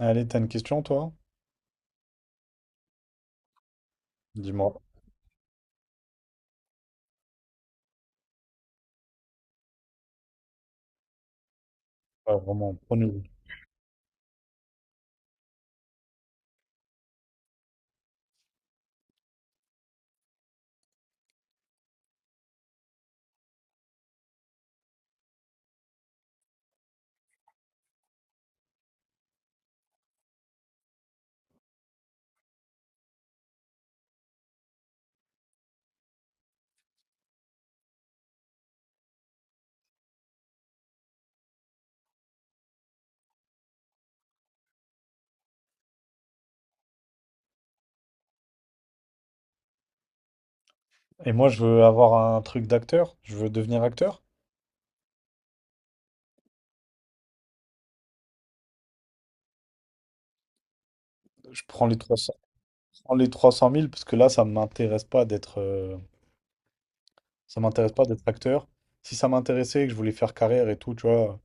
Allez, t'as une question, toi? Dis-moi. Ouais, vraiment, prends le. Et moi, je veux avoir un truc d'acteur. Je veux devenir acteur. Je prends les 300. Je prends les 300 000 parce que là, ça m'intéresse pas d'être, ça m'intéresse pas d'être acteur. Si ça m'intéressait, que je voulais faire carrière et tout, tu vois,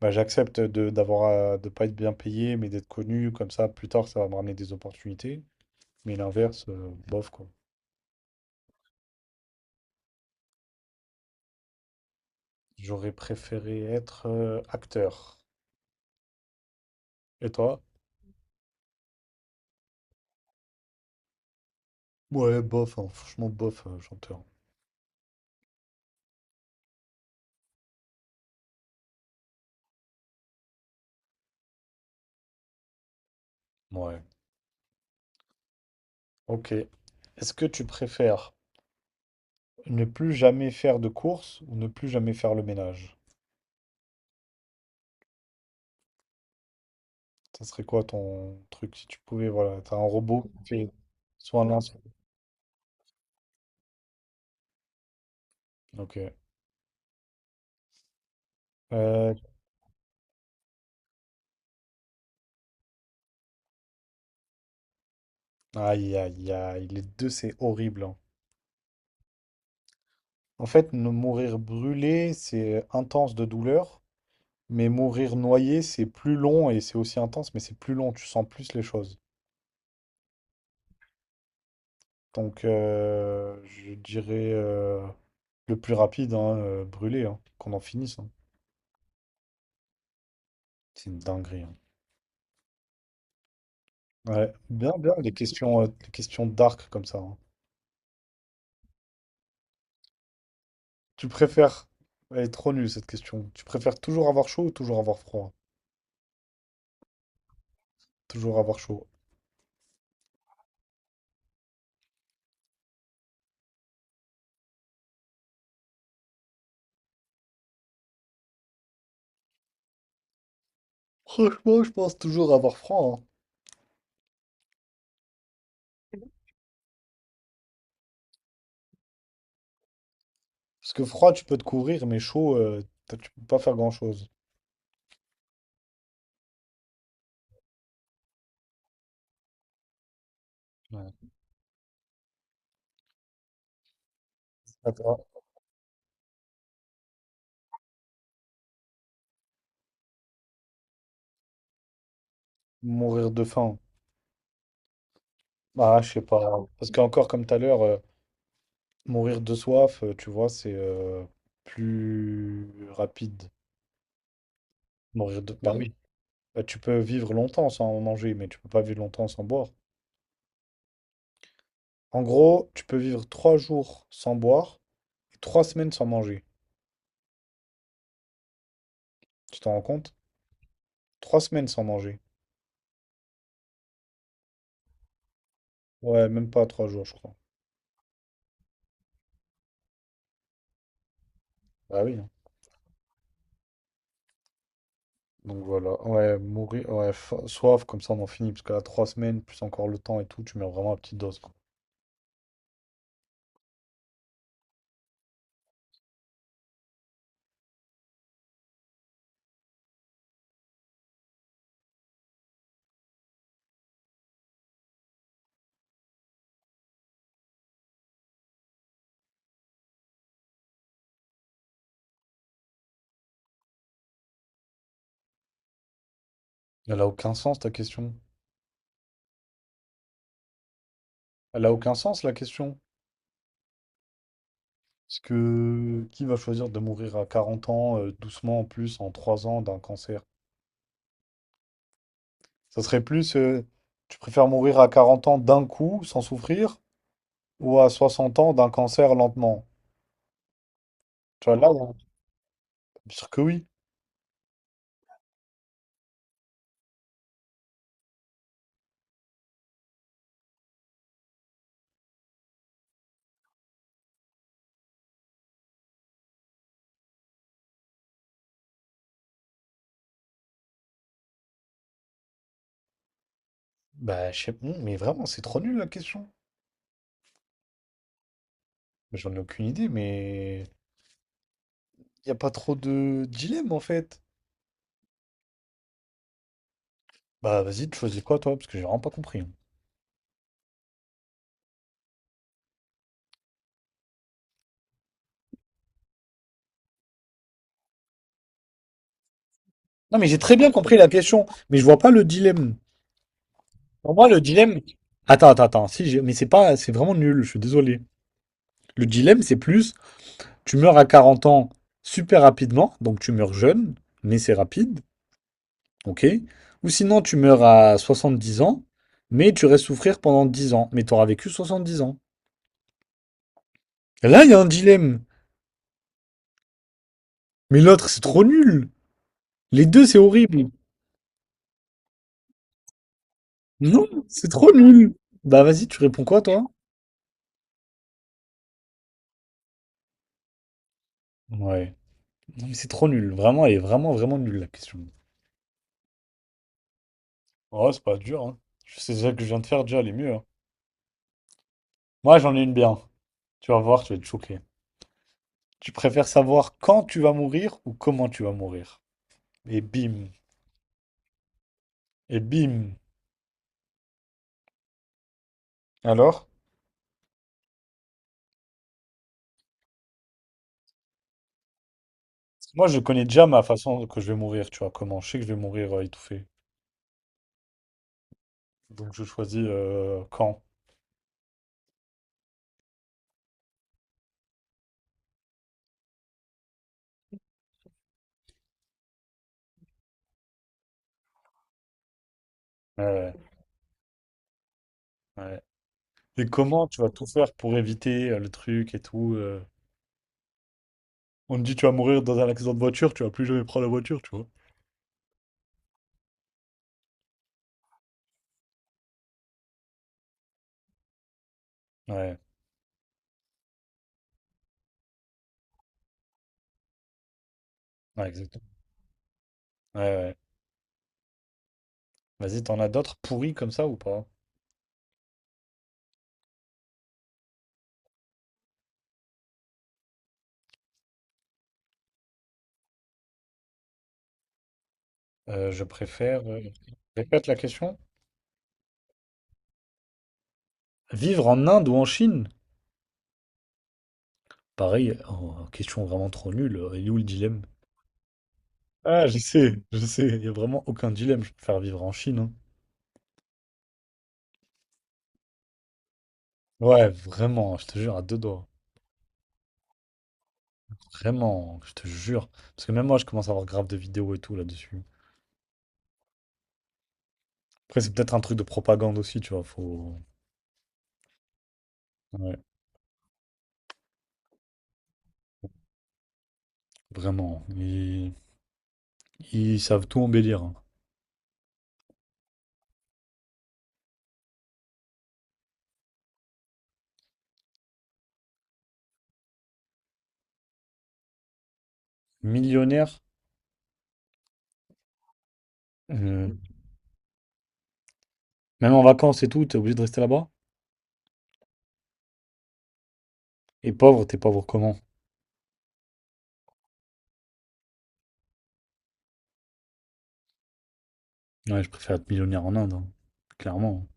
bah, j'accepte de d'avoir de pas être bien payé, mais d'être connu comme ça. Plus tard, ça va me ramener des opportunités. Mais l'inverse, bof quoi. J'aurais préféré être acteur. Et toi? Ouais, bof, hein. Franchement, bof, chanteur. Ouais. Ok. Est-ce que tu préfères ne plus jamais faire de course ou ne plus jamais faire le ménage? Ça serait quoi ton truc si tu pouvais, voilà, t'as un robot qui fait soit un lance. Ok. Euh, aïe, aïe, aïe, les deux, c'est horrible, hein. En fait, ne mourir brûlé, c'est intense de douleur, mais mourir noyé, c'est plus long et c'est aussi intense, mais c'est plus long, tu sens plus les choses. Donc, je dirais le plus rapide, hein, brûlé, hein, qu'on en finisse, hein. C'est une dinguerie, hein. Ouais, bien, bien, les questions dark comme ça, hein. Tu préfères... Elle est trop nulle cette question. Tu préfères toujours avoir chaud ou toujours avoir froid? Toujours avoir chaud. Franchement, je pense toujours avoir froid, hein. Parce que froid, tu peux te couvrir, mais chaud, tu peux pas faire grand-chose. Ouais. D'accord. Mourir de faim. Ah, je sais pas. Parce qu'encore comme tout à l'heure, mourir de soif, tu vois, c'est plus rapide. Mourir de... Bah, bah, oui, oui. Bah, tu peux vivre longtemps sans manger, mais tu peux pas vivre longtemps sans boire. En gros, tu peux vivre 3 jours sans boire et 3 semaines sans manger. Tu t'en rends compte? Trois semaines sans manger. Ouais, même pas 3 jours, je crois. Bah oui, hein. Donc voilà. Ouais, mourir. Ouais, soif, comme ça on en finit. Parce que là, 3 semaines, plus encore le temps et tout, tu mets vraiment à petite dose, quoi. Elle a aucun sens ta question. Elle a aucun sens la question. Parce que qui va choisir de mourir à 40 ans, doucement en plus, en 3 ans d'un cancer? Ça serait plus, tu préfères mourir à 40 ans d'un coup, sans souffrir? Ou à 60 ans d'un cancer lentement? Tu vois, là, il y a que oui. Bah, je sais pas, mais vraiment, c'est trop nul la question. Mais j'en ai aucune idée, mais il n'y a pas trop de dilemme en fait. Bah, vas-y, tu choisis quoi toi? Parce que j'ai vraiment pas compris, hein. Non, mais j'ai très bien compris la question, mais je vois pas le dilemme. Pour moi, le dilemme. Attends, attends, attends. Si, mais c'est pas, c'est vraiment nul, je suis désolé. Le dilemme, c'est plus, tu meurs à 40 ans super rapidement, donc tu meurs jeune, mais c'est rapide. OK? Ou sinon, tu meurs à 70 ans, mais tu restes souffrir pendant 10 ans. Mais tu t'auras vécu 70 ans. Et là, il y a un dilemme. Mais l'autre, c'est trop nul. Les deux, c'est horrible. Non, c'est trop nul. Bah, vas-y, tu réponds quoi, toi? Ouais. Non, mais c'est trop nul. Vraiment, elle est vraiment, vraiment nulle, la question. Oh, c'est pas dur, hein. Je sais déjà que je viens de faire, déjà, elle est mieux, hein. Moi, j'en ai une bien. Tu vas voir, tu vas être choqué. Tu préfères savoir quand tu vas mourir ou comment tu vas mourir? Et bim. Et bim. Alors? Moi, je connais déjà ma façon que je vais mourir, tu vois, comment. Je sais que je vais mourir étouffé. Donc, je choisis quand. Ouais, ouais, ouais. Et comment tu vas tout faire pour éviter le truc et tout, On te dit, tu vas mourir dans un accident de voiture, tu vas plus jamais prendre la voiture, tu vois. Ouais, ouais, exactement. Ouais, ouais. Vas-y, t'en as d'autres pourris comme ça ou pas? Je préfère. Répète la question. Vivre en Inde ou en Chine? Pareil, oh, question vraiment trop nulle. Il est où le dilemme? Ah, je sais, je sais. Il n'y a vraiment aucun dilemme. Je préfère vivre en Chine, hein. Ouais, vraiment, je te jure, à deux doigts. Vraiment, je te jure. Parce que même moi, je commence à avoir grave de vidéos et tout là-dessus. Après, c'est peut-être un truc de propagande aussi, tu vois. Faut... Ouais, vraiment. Ils savent tout embellir, hein. Millionnaire, euh, même en vacances et tout, t'es obligé de rester là-bas. Et pauvre, t'es pauvre comment? Ouais, je préfère être millionnaire en Inde, hein. Clairement.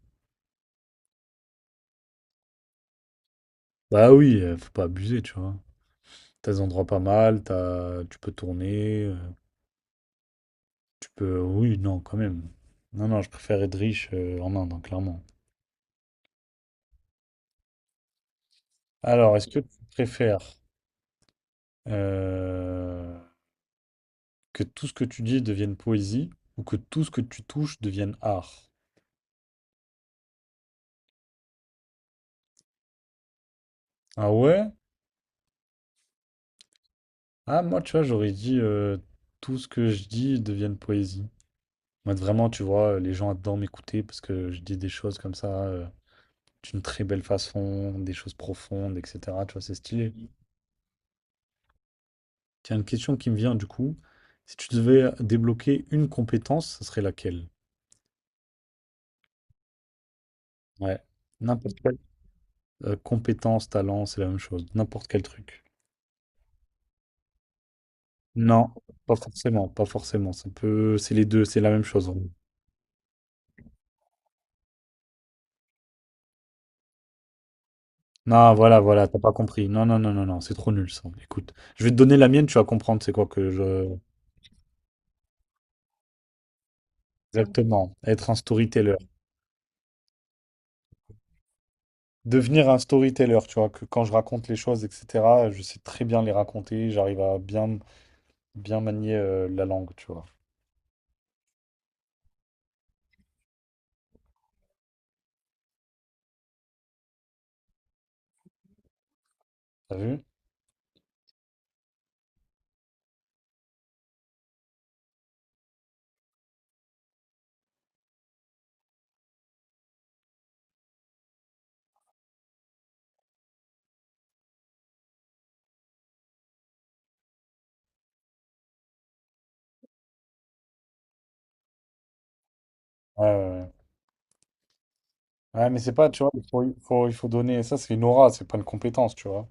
Bah oui, faut pas abuser, tu vois. T'as des endroits pas mal, t'as... tu peux tourner, tu peux... Oui, non, quand même. Non, non, je préfère être riche en Inde, hein, clairement. Alors, est-ce que tu préfères euh, que tout ce que tu dis devienne poésie ou que tout ce que tu touches devienne art? Ah ouais? Ah, moi, tu vois, j'aurais dit tout ce que je dis devienne poésie. Moi, vraiment, tu vois, les gens adorent m'écouter parce que je dis des choses comme ça d'une très belle façon, des choses profondes, etc. Tu vois, c'est stylé. Tiens, une question qui me vient du coup. Si tu devais débloquer une compétence, ce serait laquelle? Ouais, n'importe. Compétences, talents, c'est la même chose. N'importe quel truc. Non, pas forcément, pas forcément. Ça peut, c'est les deux, c'est la même chose en gros. Non, voilà, voilà, t'as pas compris. Non, non, non, non, non, c'est trop nul ça. Écoute, je vais te donner la mienne, tu vas comprendre c'est quoi que je. Exactement, être un storyteller. Devenir un storyteller, tu vois, que quand je raconte les choses, etc., je sais très bien les raconter, j'arrive à bien, bien manier la langue, tu vois. T'as vu? Ouais, ouais, ouais. Ouais, mais c'est pas, tu vois, il faut donner. Ça, c'est une aura, c'est pas une compétence, tu vois.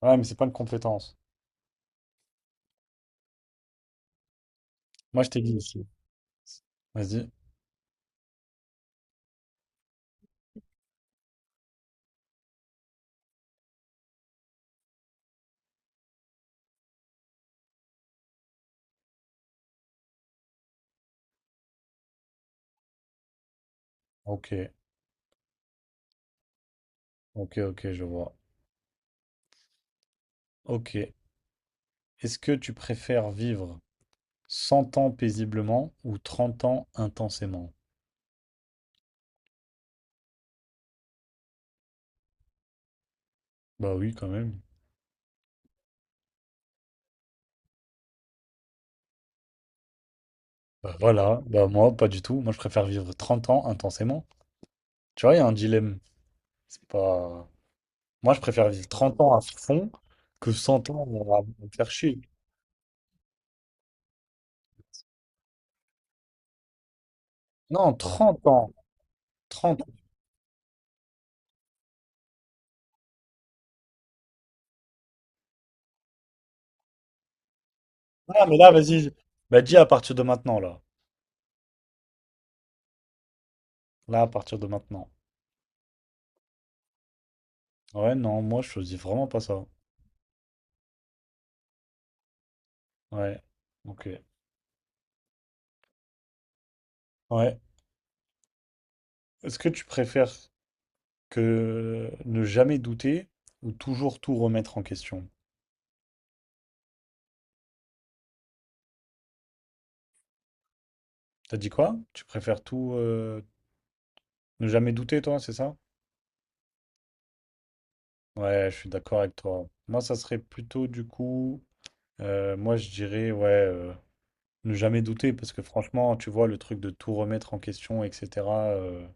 Ouais, mais c'est pas une compétence. Moi, je t'ai dit ici. Vas-y. Ok, ok, ok, je vois. Ok. Est-ce que tu préfères vivre 100 ans paisiblement ou 30 ans intensément? Bah oui, quand même. Bah voilà, bah moi, pas du tout. Moi, je préfère vivre 30 ans intensément. Tu vois, il y a un dilemme. C'est pas... Moi, je préfère vivre 30 ans à fond que 100 ans à me faire chier. Non, 30 ans. 30. Ah, mais là, vas-y. Bah dis à partir de maintenant, là. Là, à partir de maintenant. Ouais, non, moi, je choisis vraiment pas ça. Ouais, ok. Ouais. Est-ce que tu préfères que ne jamais douter ou toujours tout remettre en question? T'as dit quoi? Tu préfères tout ne jamais douter, toi, c'est ça? Ouais, je suis d'accord avec toi. Moi, ça serait plutôt du coup, moi, je dirais, ouais, ne jamais douter parce que franchement, tu vois, le truc de tout remettre en question, etc., euh,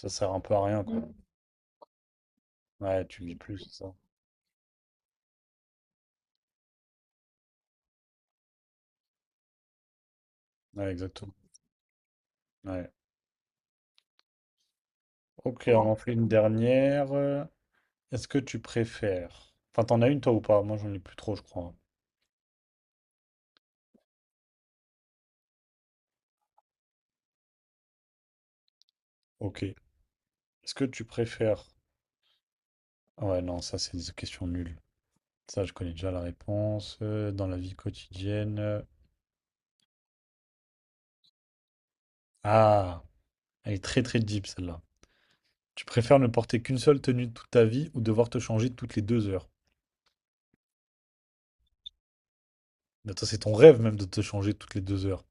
ça sert un peu à rien, quoi. Ouais, tu vis plus, c'est ça. Ouais, exactement. Ouais. Ok, on en fait une dernière. Est-ce que tu préfères... Enfin, t'en as une toi ou pas? Moi, j'en ai plus trop, je crois, hein. Ok. Est-ce que tu préfères... Ah, ouais, non, ça, c'est des questions nulles. Ça, je connais déjà la réponse. Dans la vie quotidienne... Ah, elle est très, très deep, celle-là. Tu préfères ne porter qu'une seule tenue toute ta vie ou devoir te changer toutes les 2 heures? Mais attends, c'est ton rêve même de te changer toutes les 2 heures.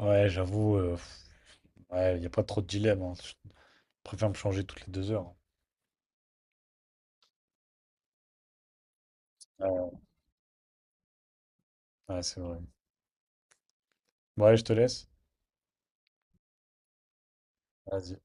Ouais, j'avoue, pff, ouais, y a pas trop de dilemme, hein. Je préfère me changer toutes les 2 heures, hein. Ouais, ouais, c'est vrai. Ouais, je te laisse. Vas-y.